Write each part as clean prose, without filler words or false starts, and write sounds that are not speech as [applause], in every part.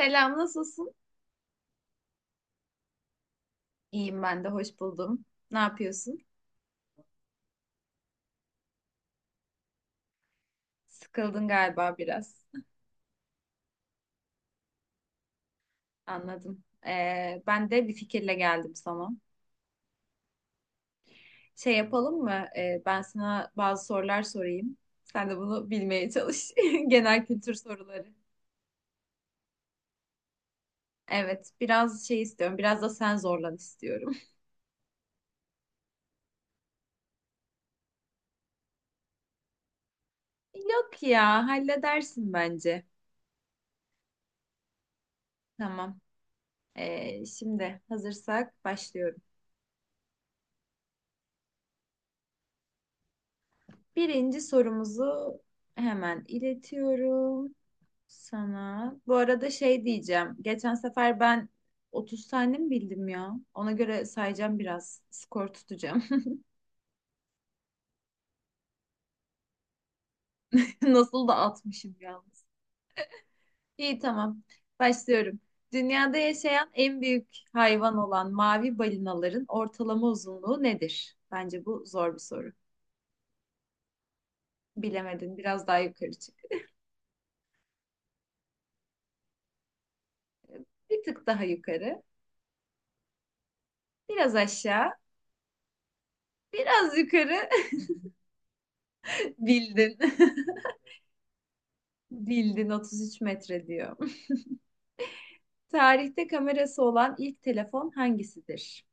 Selam, nasılsın? İyiyim ben de, hoş buldum. Ne yapıyorsun? Sıkıldın galiba biraz. Anladım. Ben de bir fikirle geldim sana. Şey yapalım mı? Ben sana bazı sorular sorayım. Sen de bunu bilmeye çalış. [laughs] Genel kültür soruları. Evet, biraz şey istiyorum. Biraz da sen zorlan istiyorum. [laughs] Yok ya, halledersin bence. Tamam. Şimdi hazırsak başlıyorum. Birinci sorumuzu hemen iletiyorum. Sana. Bu arada şey diyeceğim. Geçen sefer ben 30 tane mi bildim ya? Ona göre sayacağım biraz. Skor tutacağım. [laughs] Nasıl da atmışım yalnız. İyi, tamam. Başlıyorum. Dünyada yaşayan en büyük hayvan olan mavi balinaların ortalama uzunluğu nedir? Bence bu zor bir soru. Bilemedin. Biraz daha yukarı çık. Bir tık daha yukarı. Biraz aşağı. Biraz yukarı. [laughs] Bildin. [laughs] Bildin, 33 metre diyor. Tarihte kamerası olan ilk telefon hangisidir?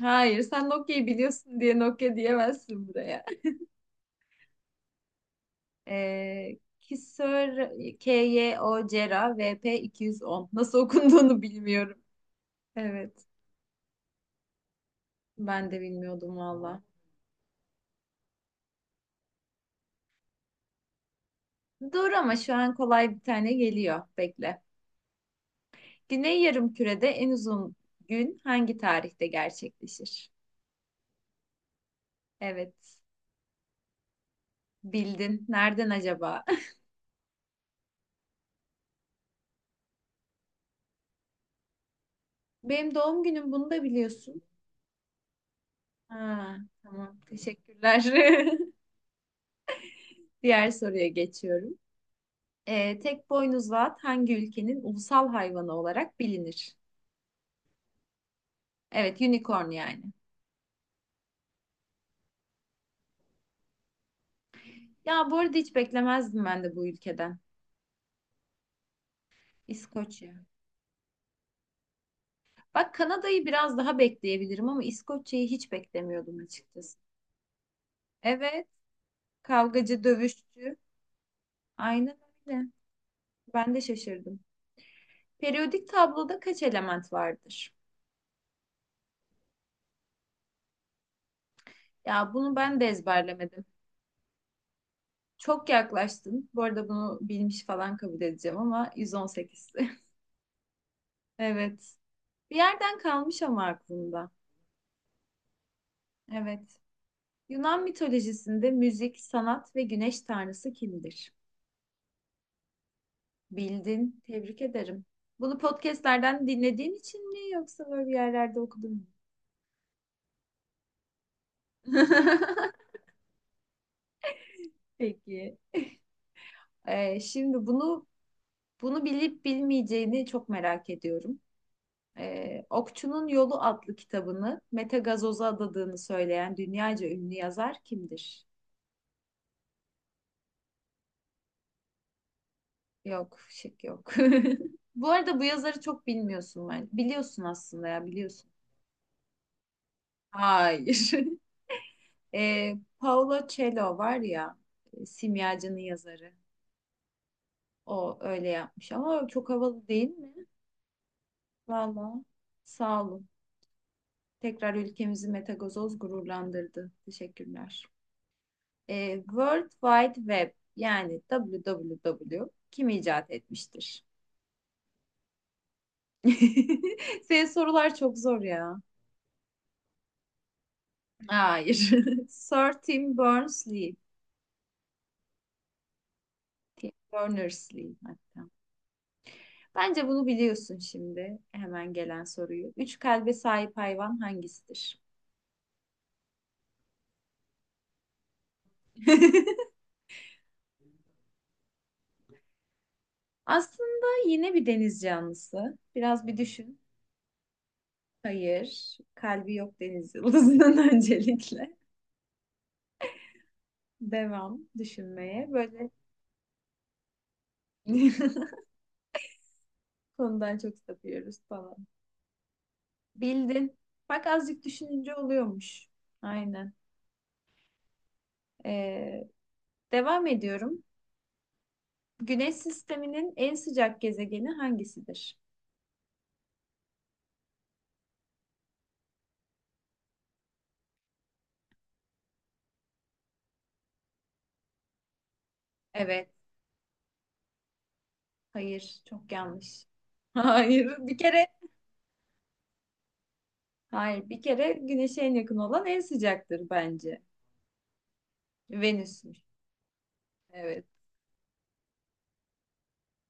Hayır, sen Nokia'yı biliyorsun diye Nokia diyemezsin buraya. [laughs] Kyocera KYOCERA VP210. Nasıl okunduğunu bilmiyorum. Evet, ben de bilmiyordum valla. Dur ama şu an kolay bir tane geliyor. Bekle. Güney Yarımküre'de en uzun gün hangi tarihte gerçekleşir? Evet, bildin. Nereden acaba? [laughs] Benim doğum günüm, bunu da biliyorsun. Ha, tamam. Teşekkürler. [laughs] Diğer soruya geçiyorum. Tek boynuzlu at hangi ülkenin ulusal hayvanı olarak bilinir? Evet, unicorn yani. Ya bu arada hiç beklemezdim ben de bu ülkeden. İskoçya. Bak Kanada'yı biraz daha bekleyebilirim ama İskoçya'yı hiç beklemiyordum açıkçası. Evet, kavgacı, dövüşçü. Aynen öyle. Ben de şaşırdım. Periyodik tabloda kaç element vardır? Ya bunu ben de ezberlemedim. Çok yaklaştın. Bu arada bunu bilmiş falan kabul edeceğim ama 118'si. [laughs] Evet. Bir yerden kalmış ama aklımda. Evet. Yunan mitolojisinde müzik, sanat ve güneş tanrısı kimdir? Bildin. Tebrik ederim. Bunu podcastlerden dinlediğin için mi yoksa böyle bir yerlerde okudun mu? [laughs] Peki. Şimdi bunu bilip bilmeyeceğini çok merak ediyorum. Okçunun Yolu adlı kitabını Mete Gazoz'a adadığını söyleyen dünyaca ünlü yazar kimdir? Yok, şık yok. [laughs] Bu arada bu yazarı çok bilmiyorsun ben. Biliyorsun aslında ya, biliyorsun. Hayır. [laughs] Ee, Paolo Coelho var ya, Simyacı'nın yazarı. O öyle yapmış ama çok havalı değil mi? Vallahi sağ olun. Tekrar ülkemizi Mete Gazoz gururlandırdı. Teşekkürler. E, World Wide Web yani WWW kim icat etmiştir? [laughs] Senin sorular çok zor ya. Hayır. [laughs] Sir Tim Berners-Lee. Tim Berners-Lee hatta. Bence bunu biliyorsun şimdi. Hemen gelen soruyu. Üç kalbe sahip hayvan hangisidir? [laughs] Aslında yine bir deniz canlısı. Biraz bir düşün. Hayır. Kalbi yok deniz yıldızının [laughs] öncelikle. Devam düşünmeye. Böyle [laughs] Konudan çok sapıyoruz falan. Bildin. Bak azıcık düşününce oluyormuş. Aynen. Ee, Devam ediyorum. Güneş sisteminin en sıcak gezegeni hangisidir? Evet. Hayır. Çok yanlış. [laughs] Hayır. Bir kere. Hayır. Bir kere Güneş'e en yakın olan en sıcaktır bence. Venüs'müş. Evet.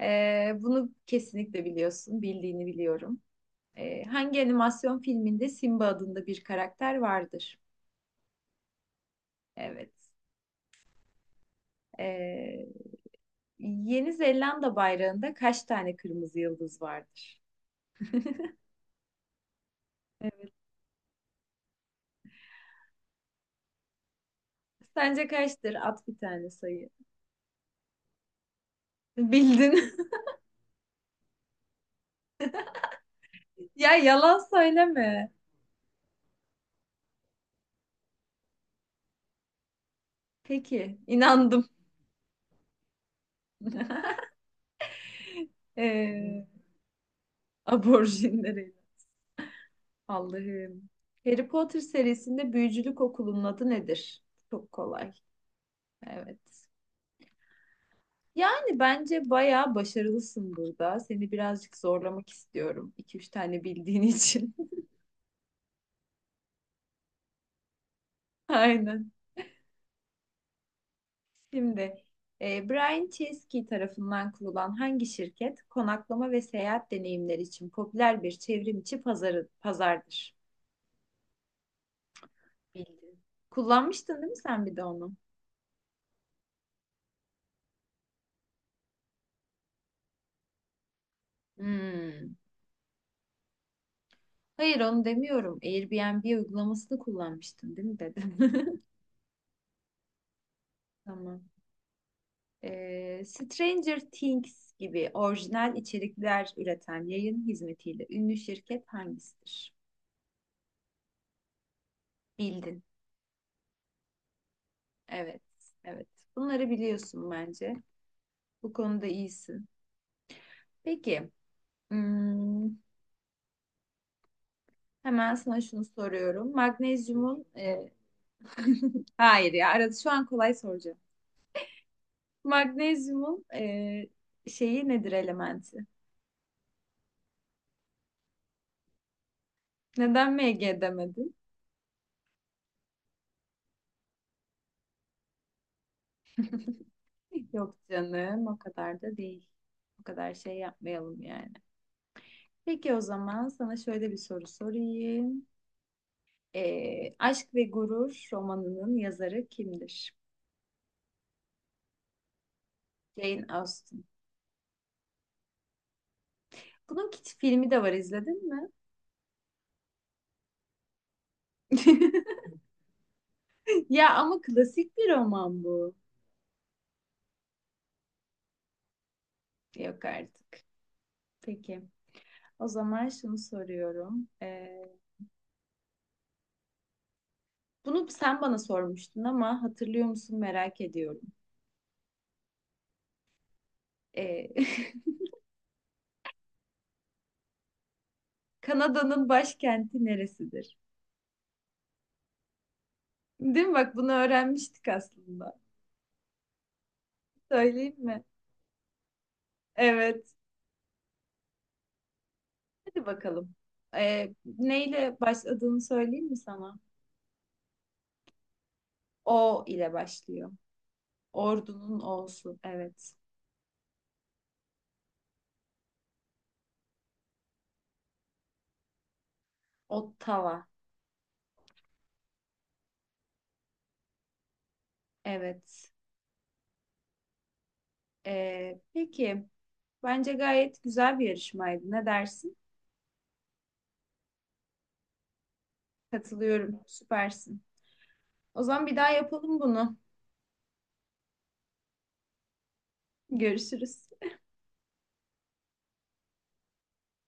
Bunu kesinlikle biliyorsun. Bildiğini biliyorum. Hangi animasyon filminde Simba adında bir karakter vardır? Evet. Ee, Yeni Zelanda bayrağında kaç tane kırmızı yıldız vardır? Sence kaçtır? At bir tane sayı. Bildin. [laughs] Ya yalan söyleme. Peki, inandım. Ee, aborjinlere. Allah'ım. Harry Potter serisinde büyücülük okulunun adı nedir? Çok kolay. Evet. Yani bence bayağı başarılısın burada. Seni birazcık zorlamak istiyorum. İki üç tane bildiğin için. [laughs] Aynen. Şimdi Brian Chesky tarafından kurulan hangi şirket konaklama ve seyahat deneyimleri için popüler bir çevrim içi pazardır? Bildin. Kullanmıştın değil mi sen bir de onu? Hmm. Hayır, onu demiyorum. Airbnb uygulamasını kullanmıştın değil mi dedim. [laughs] Tamam. E, Stranger Things gibi orijinal içerikler üreten yayın hizmetiyle ünlü şirket hangisidir? Bildin. Evet, evet. Bunları biliyorsun bence. Bu konuda iyisin. Peki, hmm, hemen sana şunu soruyorum. Magnezyumun, [laughs] hayır ya, arada şu an kolay soracağım. Magnezyumun şeyi nedir elementi? Neden Mg demedin? Yok canım, o kadar da değil. O kadar şey yapmayalım yani. Peki o zaman sana şöyle bir soru sorayım. E, Aşk ve Gurur romanının yazarı kimdir? Jane Austen. Bunun filmi de var, izledin mi? [laughs] Ya ama klasik bir roman bu. Yok artık. Peki. O zaman şunu soruyorum. Bunu sen bana sormuştun ama hatırlıyor musun merak ediyorum. Ee, [laughs] Kanada'nın başkenti neresidir? Değil mi? Bak bunu öğrenmiştik aslında. Söyleyeyim mi? Evet. Hadi bakalım. Neyle başladığını söyleyeyim mi sana? O ile başlıyor. Ordunun O'su. Evet. Ottawa. Evet. Peki. Bence gayet güzel bir yarışmaydı. Ne dersin? Katılıyorum. Süpersin. O zaman bir daha yapalım bunu. Görüşürüz.